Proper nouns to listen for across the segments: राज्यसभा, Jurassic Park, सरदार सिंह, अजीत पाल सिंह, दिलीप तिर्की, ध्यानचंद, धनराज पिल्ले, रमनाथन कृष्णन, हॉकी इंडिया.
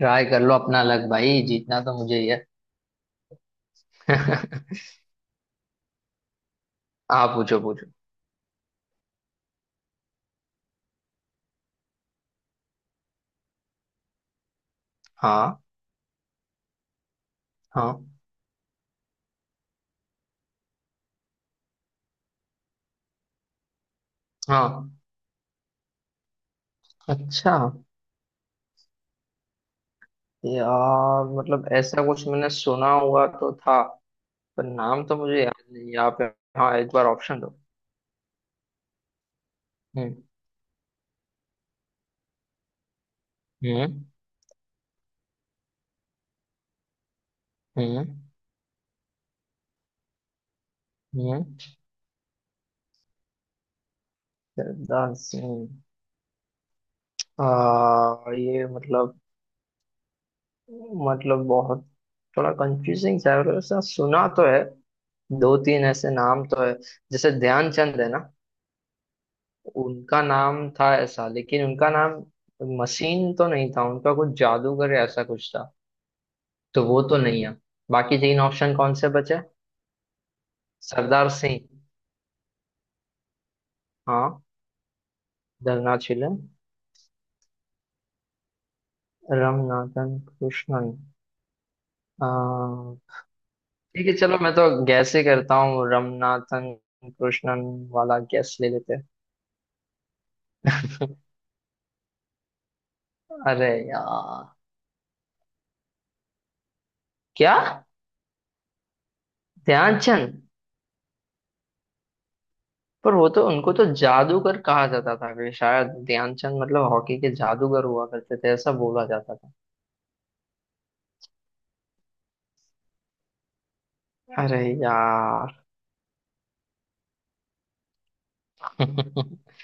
Try कर लो अपना लक भाई, जीतना तो मुझे ही है। आप पूछो पूछो। हाँ, हाँ, हाँ। अच्छा यार, मतलब ऐसा कुछ मैंने सुना हुआ तो था, पर नाम तो मुझे याद नहीं है। आप। हाँ, एक बार ऑप्शन दो। हम्म। हम्म। हम्म। हम्म। सरदार सिंह। ये मतलब बहुत, थोड़ा कंफ्यूजिंग सा है, मतलब ऐसा सुना तो है। दो तीन ऐसे नाम तो है, जैसे ध्यानचंद है ना, उनका नाम था ऐसा, लेकिन उनका नाम मसीन तो नहीं था, उनका कुछ जादूगर या ऐसा कुछ था, तो वो तो नहीं है। बाकी तीन ऑप्शन कौन से बचे? सरदार सिंह, हाँ, धरना चिलम, रमनाथन कृष्णन। अ, ठीक है चलो, मैं तो गैस ही करता हूँ, रमनाथन कृष्णन वाला गैस ले लेते हैं। अरे यार, क्या? ध्यानचंद? पर वो तो, उनको तो जादूगर कहा जाता था कि शायद ध्यानचंद मतलब हॉकी के जादूगर हुआ करते थे, ऐसा बोला जाता था। अरे यार।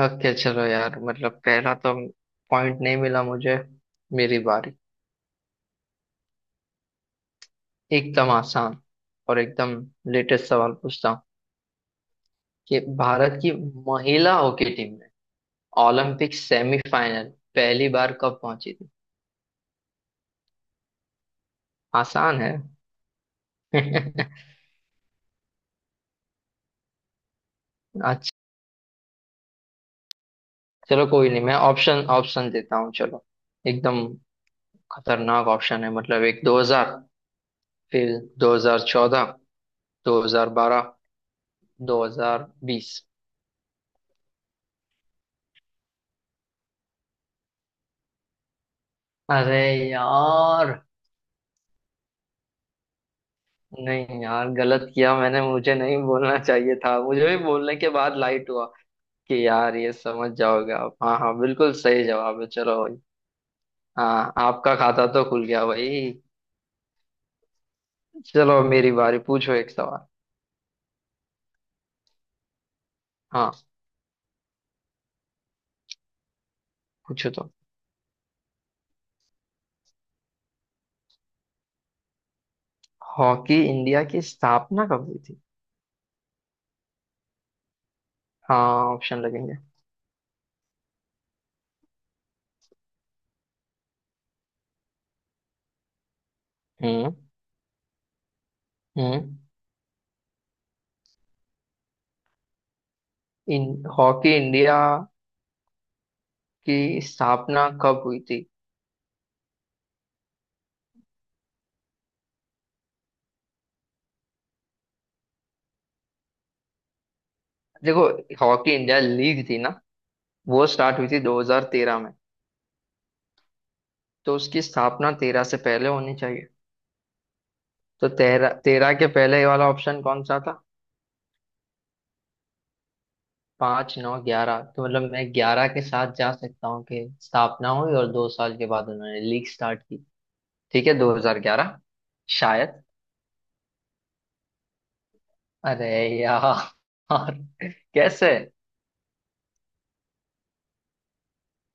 ओके चलो यार, मतलब पहला तो पॉइंट नहीं मिला मुझे। मेरी बारी। एकदम आसान और एकदम लेटेस्ट सवाल पूछता हूँ कि भारत की महिला हॉकी टीम ने ओलंपिक सेमीफाइनल पहली बार कब पहुंची थी। आसान है। अच्छा। चलो कोई नहीं, मैं ऑप्शन ऑप्शन देता हूँ चलो। एकदम खतरनाक ऑप्शन है, मतलब एक 2000, फिर 2014, 2012, 2020। अरे यार। नहीं यार, गलत किया मैंने, मुझे नहीं बोलना चाहिए था, मुझे भी बोलने के बाद लाइट हुआ कि यार ये समझ जाओगे आप। हाँ हाँ बिल्कुल सही जवाब है, चलो भाई। हाँ आपका खाता तो खुल गया भाई। चलो मेरी बारी, पूछो एक सवाल। हाँ, पूछो तो। हॉकी इंडिया की स्थापना कब हुई थी? हाँ, ऑप्शन लगेंगे। हम्म। हम्म। इन हॉकी इंडिया की स्थापना कब हुई थी? देखो, हॉकी इंडिया लीग थी ना, वो स्टार्ट हुई थी 2013 में, तो उसकी स्थापना तेरह से पहले होनी चाहिए। तो तेरह तेरह के पहले वाला ऑप्शन कौन सा था? पाँच नौ ग्यारह, तो मतलब मैं ग्यारह के साथ जा सकता हूँ कि स्थापना हुई और दो साल के बाद उन्होंने लीग स्टार्ट की। ठीक है, 2011 शायद। अरे यार। कैसे?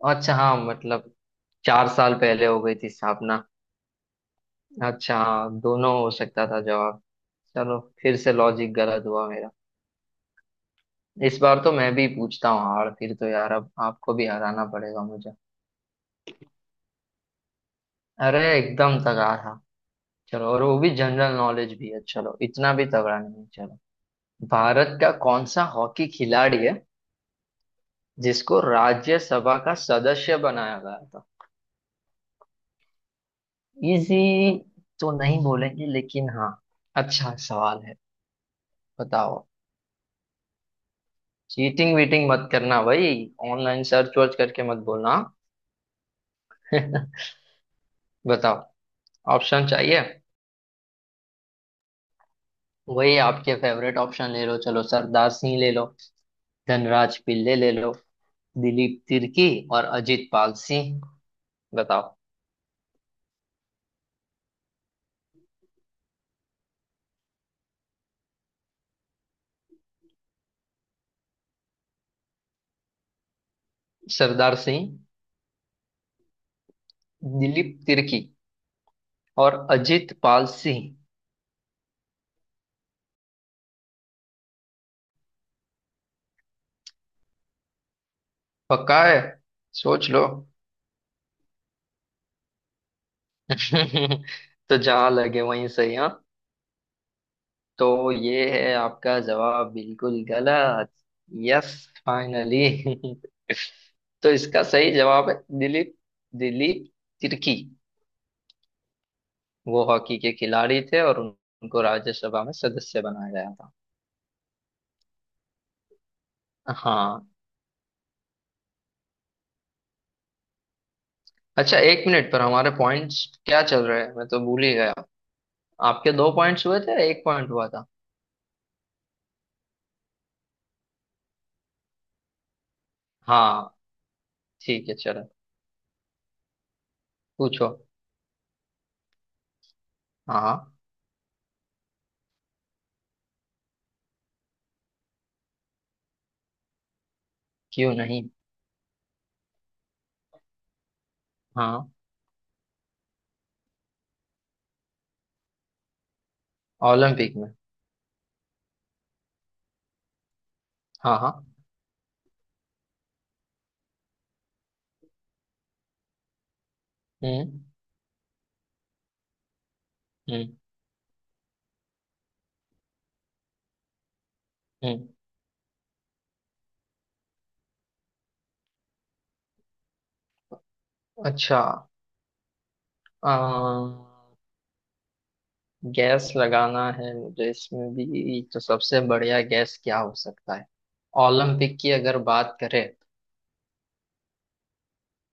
अच्छा हाँ मतलब, चार साल पहले हो गई थी स्थापना। अच्छा हाँ, दोनों हो सकता था जवाब। चलो फिर से लॉजिक गलत हुआ मेरा। इस बार तो मैं भी पूछता हूँ हार, फिर तो यार अब आपको भी हराना पड़ेगा मुझे। अरे एकदम तगड़ा था। चलो और वो भी जनरल नॉलेज भी है, चलो इतना भी तगड़ा नहीं है, चलो। भारत का कौन सा हॉकी खिलाड़ी है जिसको राज्यसभा का सदस्य बनाया गया था? इजी तो नहीं बोलेंगे, लेकिन हाँ, अच्छा सवाल है। बताओ। चीटिंग वीटिंग मत करना भाई, ऑनलाइन सर्च वर्च करके मत बोलना। बताओ। ऑप्शन चाहिए? वही आपके फेवरेट ऑप्शन ले लो, चलो सरदार सिंह ले लो, धनराज पिल्ले ले लो, दिलीप तिर्की और अजीत पाल सिंह। बताओ। सरदार सिंह, दिलीप तिर्की और अजीत पाल सिंह। पक्का है? सोच लो। तो जहां लगे वहीं सही, हाँ। तो ये है आपका जवाब, बिल्कुल गलत। Yes, finally. तो इसका सही जवाब है दिलीप, दिलीप तिर्की। वो हॉकी के खिलाड़ी थे और उनको राज्यसभा में सदस्य बनाया गया था। हाँ। अच्छा एक मिनट, पर हमारे पॉइंट्स क्या चल रहे हैं, मैं तो भूल ही गया। आपके दो पॉइंट्स हुए थे, एक पॉइंट हुआ था। हाँ ठीक है चलो। पूछो। हाँ क्यों नहीं। हाँ, ओलंपिक में। हाँ हाँ। हम्म। हम्म। हम्म। अच्छा, गैस लगाना है मुझे इसमें भी, तो सबसे बढ़िया गैस क्या हो सकता है? ओलंपिक की अगर बात करें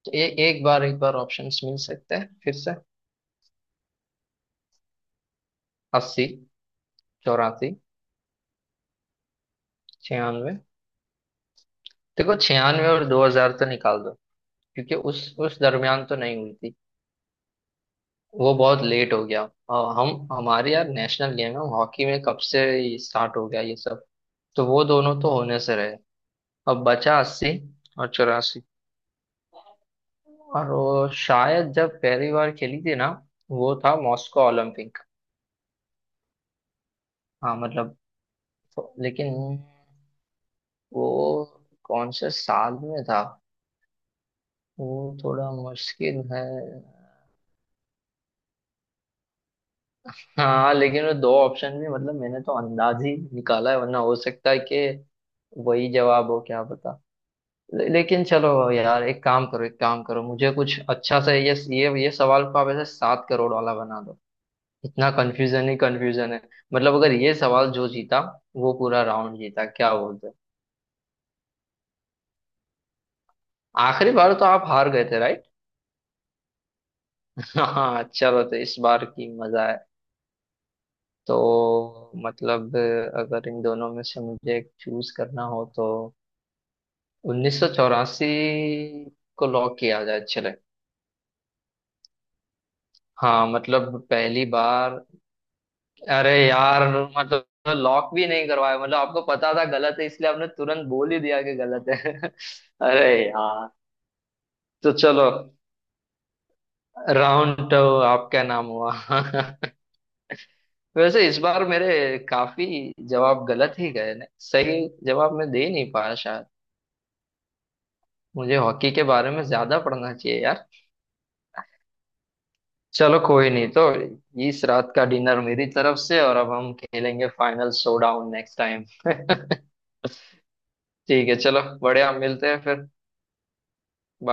तो एक बार ऑप्शंस मिल सकते हैं फिर से। अस्सी, चौरासी, छियानवे। देखो छियानवे और दो हजार तो निकाल दो, क्योंकि उस दरमियान तो नहीं हुई थी। वो बहुत लेट हो गया, और हम, हमारे यार नेशनल गेम है हॉकी, में कब से स्टार्ट हो गया ये सब? तो वो दोनों तो होने से रहे। अब बचा अस्सी और चौरासी। और वो शायद जब पहली बार खेली थी ना, वो था मॉस्को ओलंपिक। हाँ मतलब। लेकिन वो कौन से साल में था? वो थोड़ा मुश्किल है। हाँ लेकिन वो दो ऑप्शन भी, मतलब मैंने तो अंदाज ही निकाला है, वरना हो सकता है कि वही जवाब हो, क्या पता। लेकिन चलो यार एक काम करो एक काम करो, मुझे कुछ अच्छा सा, ये सवाल को आप ऐसे सात करोड़ वाला बना दो। इतना कंफ्यूजन ही कंफ्यूजन है। मतलब अगर ये सवाल जो जीता वो पूरा राउंड जीता, क्या बोलते हो? आखिरी बार तो आप हार गए थे राइट? हाँ चलो, तो इस बार की मजा है। तो मतलब अगर इन दोनों में से मुझे एक चूज करना हो तो 1984 को लॉक किया जाए चले। हाँ, मतलब पहली बार। अरे यार, मतलब लॉक भी नहीं करवाया, मतलब आपको पता था गलत है इसलिए आपने तुरंत बोल ही दिया कि गलत है। अरे यार। तो चलो, राउंड तो आपका नाम हुआ। वैसे इस बार मेरे काफी जवाब गलत ही गए ना, सही जवाब मैं दे नहीं पाया शायद। मुझे हॉकी के बारे में ज्यादा पढ़ना चाहिए यार। चलो कोई नहीं तो, इस रात का डिनर मेरी तरफ से और अब हम खेलेंगे फाइनल शोडाउन नेक्स्ट टाइम। ठीक है चलो बढ़िया, मिलते हैं फिर।